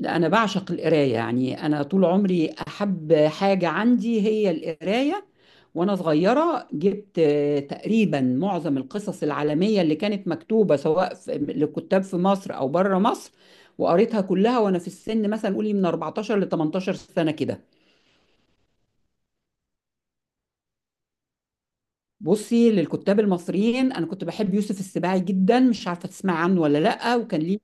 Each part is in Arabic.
لا، أنا بعشق القراية، يعني أنا طول عمري أحب حاجة عندي هي القراية. وأنا صغيرة جبت تقريبا معظم القصص العالمية اللي كانت مكتوبة سواء لكتاب في مصر أو بره مصر، وقريتها كلها وأنا في السن مثلا، قولي من 14 ل 18 سنة كده. بصي، للكتاب المصريين أنا كنت بحب يوسف السباعي جدا. مش عارفة تسمعي عنه ولا لأ؟ وكان ليه،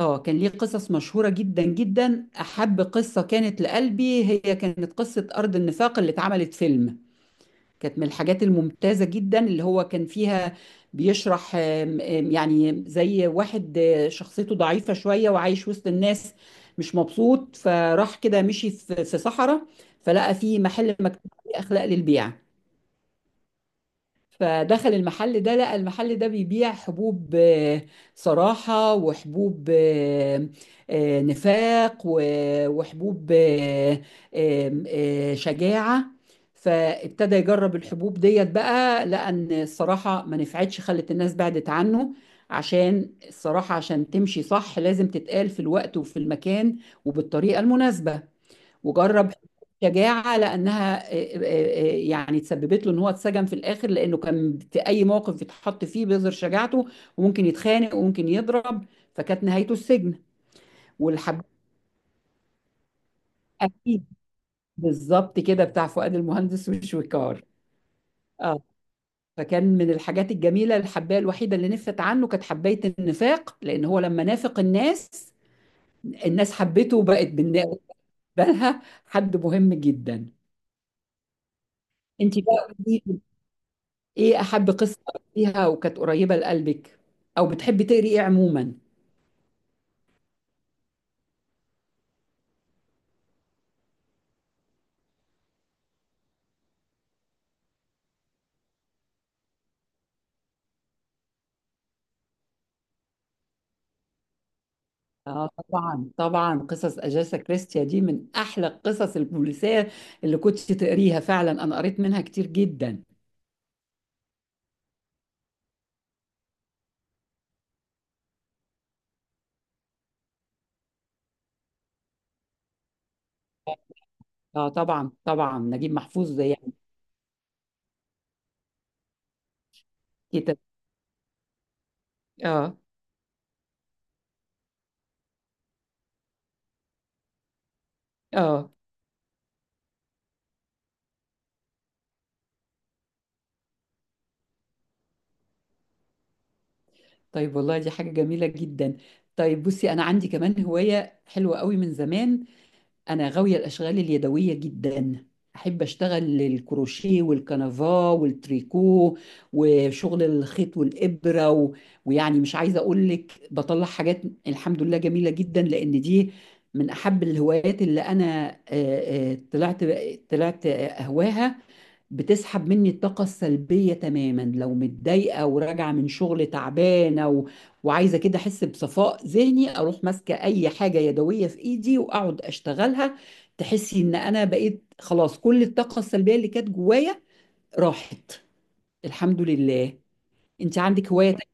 اه كان ليه قصص مشهورة جدا جدا. أحب قصة كانت لقلبي هي كانت قصة أرض النفاق، اللي اتعملت فيلم. كانت من الحاجات الممتازة جدا اللي هو كان فيها. بيشرح آم، آم، يعني زي واحد، شخصيته ضعيفة شوية وعايش وسط الناس، مش مبسوط، فراح كده مشي في صحراء، فلقى فيه محل مكتوب عليه أخلاق للبيع. فدخل المحل ده، لقى المحل ده بيبيع حبوب صراحة، وحبوب نفاق، وحبوب آه، آم، آه، شجاعة. فابتدى يجرب الحبوب ديت بقى، لقى ان الصراحة ما نفعتش، خلت الناس بعدت عنه. عشان الصراحة عشان تمشي صح لازم تتقال في الوقت وفي المكان وبالطريقة المناسبة. وجرب شجاعة، لأنها يعني تسببت له إن هو اتسجن في الآخر، لأنه كان في أي موقف يتحط فيه بيظهر شجاعته، وممكن يتخانق وممكن يضرب، فكانت نهايته السجن. والحب، أكيد. بالظبط كده، بتاع فؤاد المهندس وشويكار. اه. فكان من الحاجات الجميلة، الحباية الوحيدة اللي نفت عنه كانت حباية النفاق، لأن هو لما نافق الناس، الناس حبته وبقت بالنسبة لها حد مهم جدا. انت بقى، ايه احب قصه فيها وكانت قريبه لقلبك، او بتحبي تقري ايه عموما؟ اه طبعا طبعا، قصص اجاسا كريستيا دي من احلى القصص البوليسيه اللي كنت تقريها، فعلا انا قريت منها كتير جدا. اه طبعا طبعا، نجيب محفوظ زي يعني كتاب. اه. اه طيب والله، دي حاجه جميله جدا. طيب بصي، انا عندي كمان هوايه حلوه قوي من زمان. أنا غاوية الأشغال اليدوية جدا، أحب أشتغل الكروشيه والكنفا والتريكو وشغل الخيط والإبرة، و... ويعني مش عايزة أقول لك، بطلع حاجات الحمد لله جميلة جدا، لأن دي من أحب الهوايات اللي أنا طلعت أهواها. بتسحب مني الطاقة السلبية تماما، لو متضايقة وراجعة من شغل تعبانة و... وعايزة كده أحس بصفاء ذهني، أروح ماسكة أي حاجة يدوية في إيدي وأقعد أشتغلها، تحسي إن أنا بقيت خلاص كل الطاقة السلبية اللي كانت جوايا راحت، الحمد لله. أنت عندك هواية تانية،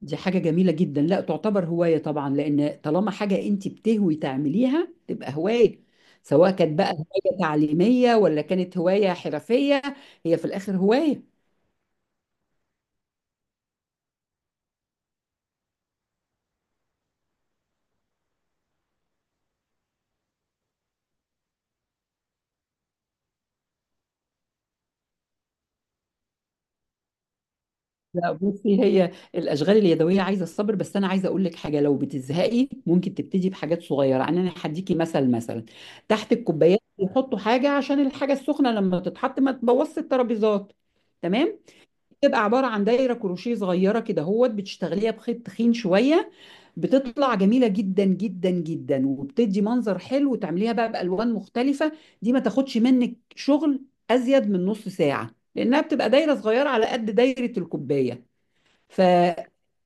دي حاجة جميلة جدا، لا تعتبر هواية طبعا، لأن طالما حاجة أنت بتهوي تعمليها تبقى هواية، سواء كانت بقى هواية تعليمية ولا كانت هواية حرفية، هي في الآخر هواية. لا بصي، هي الاشغال اليدويه عايزه الصبر، بس انا عايزه اقول لك حاجه، لو بتزهقي ممكن تبتدي بحاجات صغيره، يعني انا هديكي مثل، مثلا تحت الكوبايات بيحطوا حاجه عشان الحاجه السخنه لما تتحط ما تبوظش الترابيزات، تمام؟ بتبقى عباره عن دايره كروشيه صغيره كده هوت، بتشتغليها بخيط تخين شويه، بتطلع جميله جدا جدا جدا وبتدي منظر حلو، وتعمليها بقى بالوان مختلفه. دي ما تاخدش منك شغل ازيد من نص ساعه، لانها بتبقى دايره صغيره على قد دايره الكوبايه،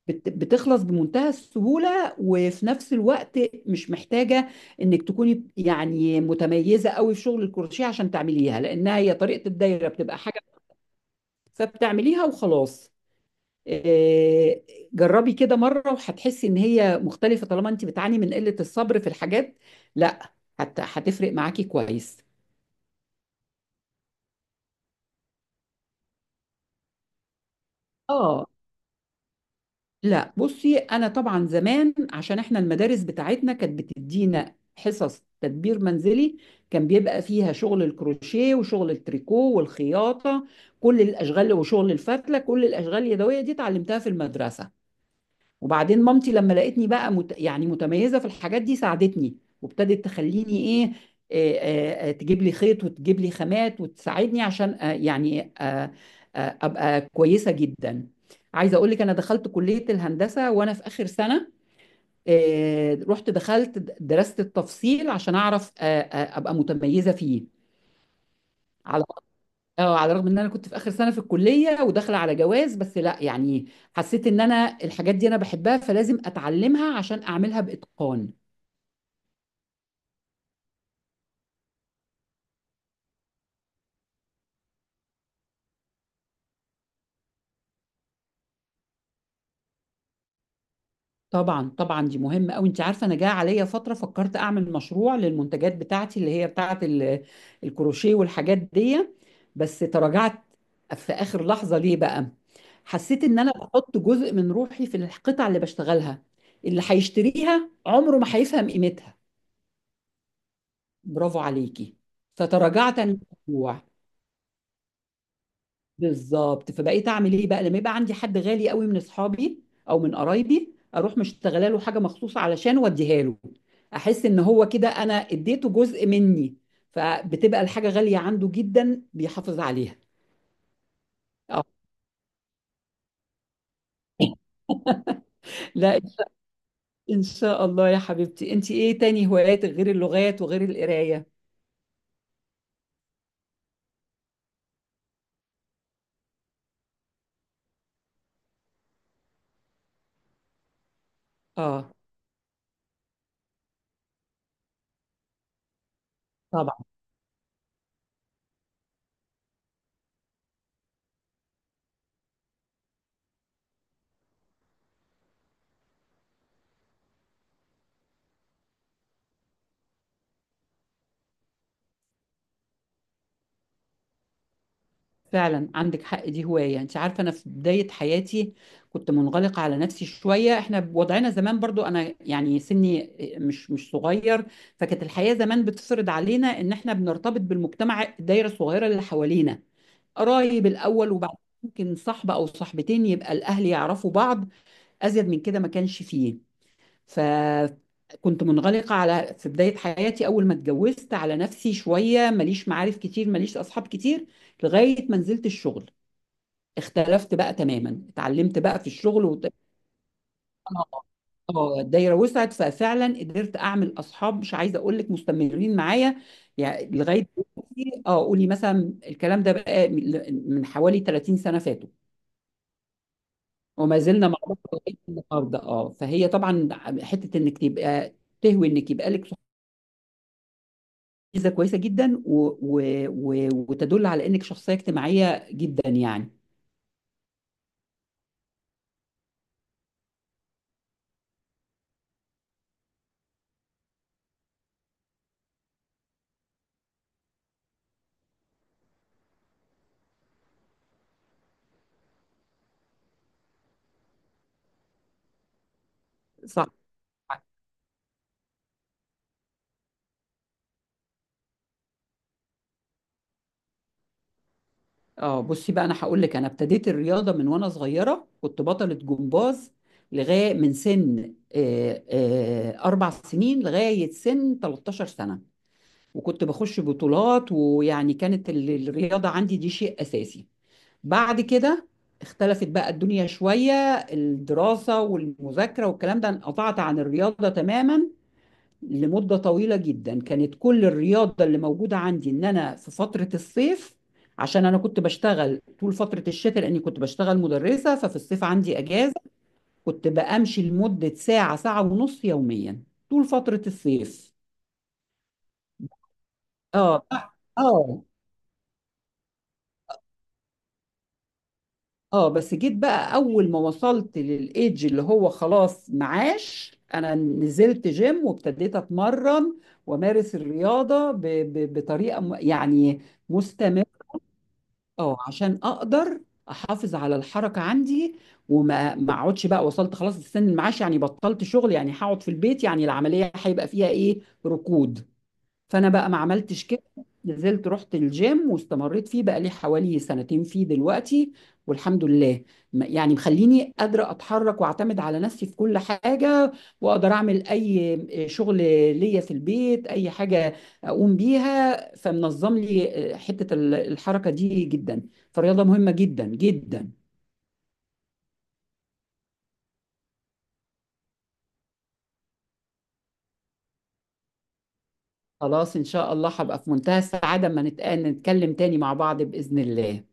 فبتخلص بمنتهى السهولة. وفي نفس الوقت مش محتاجة انك تكوني يعني متميزة قوي في شغل الكروشيه عشان تعمليها، لانها هي طريقة الدايرة بتبقى حاجة، فبتعمليها وخلاص. آه، جربي كده مرة وهتحسي ان هي مختلفة، طالما انت بتعاني من قلة الصبر في الحاجات. لا، هتفرق معاكي كويس. اه لا بصي، انا طبعا زمان عشان احنا المدارس بتاعتنا كانت بتدينا حصص تدبير منزلي، كان بيبقى فيها شغل الكروشيه وشغل التريكو والخياطه، كل الاشغال، وشغل الفتله، كل الاشغال اليدويه دي اتعلمتها في المدرسه. وبعدين مامتي لما لقيتني بقى يعني متميزة في الحاجات دي، ساعدتني وابتدت تخليني ايه، آه، تجيب لي خيط وتجيب لي خامات وتساعدني عشان يعني ابقى كويسة جدا. عايزة اقول لك، انا دخلت كلية الهندسة وانا في اخر سنة، رحت دخلت درست التفصيل عشان اعرف ابقى متميزة فيه، على اه على الرغم ان انا كنت في اخر سنه في الكليه وداخله على جواز، بس لا يعني حسيت ان انا الحاجات دي انا بحبها فلازم اتعلمها عشان اعملها باتقان. طبعا طبعا، دي مهمه قوي. انت عارفه، انا جه عليا فتره فكرت اعمل مشروع للمنتجات بتاعتي اللي هي بتاعه الكروشيه والحاجات دي، بس تراجعت في اخر لحظه. ليه بقى؟ حسيت ان انا بحط جزء من روحي في القطع اللي بشتغلها، اللي هيشتريها عمره ما هيفهم قيمتها. برافو عليكي. فتراجعت عن الموضوع. بالظبط، فبقيت اعمل ايه بقى؟ لما يبقى عندي حد غالي قوي من اصحابي او من قرايبي، اروح مشتغله له حاجه مخصوصه علشان اوديها له، احس ان هو كده انا اديته جزء مني، فبتبقى الحاجه غاليه عنده جدا بيحافظ عليها. آه، لا ان شاء إن شاء الله يا حبيبتي. انت ايه تاني هوايات غير اللغات وغير القرايه؟ اه فعلا عندك حق، دي هواية. انت عارفة انا في بداية حياتي كنت منغلقة على نفسي شوية، احنا بوضعنا زمان برضو، انا يعني سني مش صغير، فكانت الحياة زمان بتفرض علينا ان احنا بنرتبط بالمجتمع، الدايرة الصغيرة اللي حوالينا قرايب الاول، وبعد ممكن صاحبة او صاحبتين يبقى الاهل يعرفوا بعض، ازيد من كده ما كانش فيه. فكنت منغلقة على، في بداية حياتي أول ما اتجوزت، على نفسي شوية، ماليش معارف كتير ماليش أصحاب كتير، لغاية ما نزلت الشغل، اختلفت بقى تماما، اتعلمت بقى في الشغل اه الدايره وسعت، ففعلا قدرت اعمل اصحاب مش عايزه اقول لك مستمرين معايا، يعني لغايه دلوقتي. اه، قولي مثلا الكلام ده بقى من حوالي 30 سنه فاتوا، وما زلنا مع بعض لغايه النهارده. اه فهي طبعا، حته انك تبقى تهوي انك يبقى لك صحاب ميزه كويسه جدا، و... و... و... وتدل على انك شخصيه اجتماعيه جدا يعني. صح. اه بصي بقى، انا هقول لك، انا ابتديت الرياضه من وانا صغيره، كنت بطله جمباز لغايه من سن اربع سنين لغايه سن 13 سنه، وكنت بخش بطولات، ويعني كانت الرياضه عندي دي شيء اساسي. بعد كده اختلفت بقى الدنيا شويه، الدراسه والمذاكره والكلام ده، انقطعت عن الرياضه تماما لمدة طويلة جدا. كانت كل الرياضة اللي موجودة عندي إن أنا في فترة الصيف، عشان أنا كنت بشتغل طول فترة الشتاء، لأني كنت بشتغل مدرسة ففي الصيف عندي أجازة، كنت بأمشي لمدة ساعة ساعة ونص يوميا طول فترة الصيف. اه. اه. اه بس جيت بقى أول ما وصلت للإيدج اللي هو خلاص معاش، أنا نزلت جيم وابتديت أتمرن وأمارس الرياضة بطريقة يعني مستمرة، اه عشان اقدر احافظ على الحركه عندي، وما ما اقعدش، بقى وصلت خلاص لسن المعاش يعني، بطلت شغل يعني، هقعد في البيت يعني، العمليه هيبقى فيها ايه، ركود. فانا بقى ما عملتش كده، نزلت رحت الجيم واستمريت فيه بقى لي حوالي سنتين فيه دلوقتي، والحمد لله، يعني مخليني قادرة أتحرك وأعتمد على نفسي في كل حاجة، وأقدر أعمل أي شغل ليا في البيت، أي حاجة أقوم بيها، فمنظم لي حتة الحركة دي جدا، فالرياضة مهمة جدا جدا. خلاص إن شاء الله هبقى في منتهى السعادة أما نتكلم تاني مع بعض بإذن الله.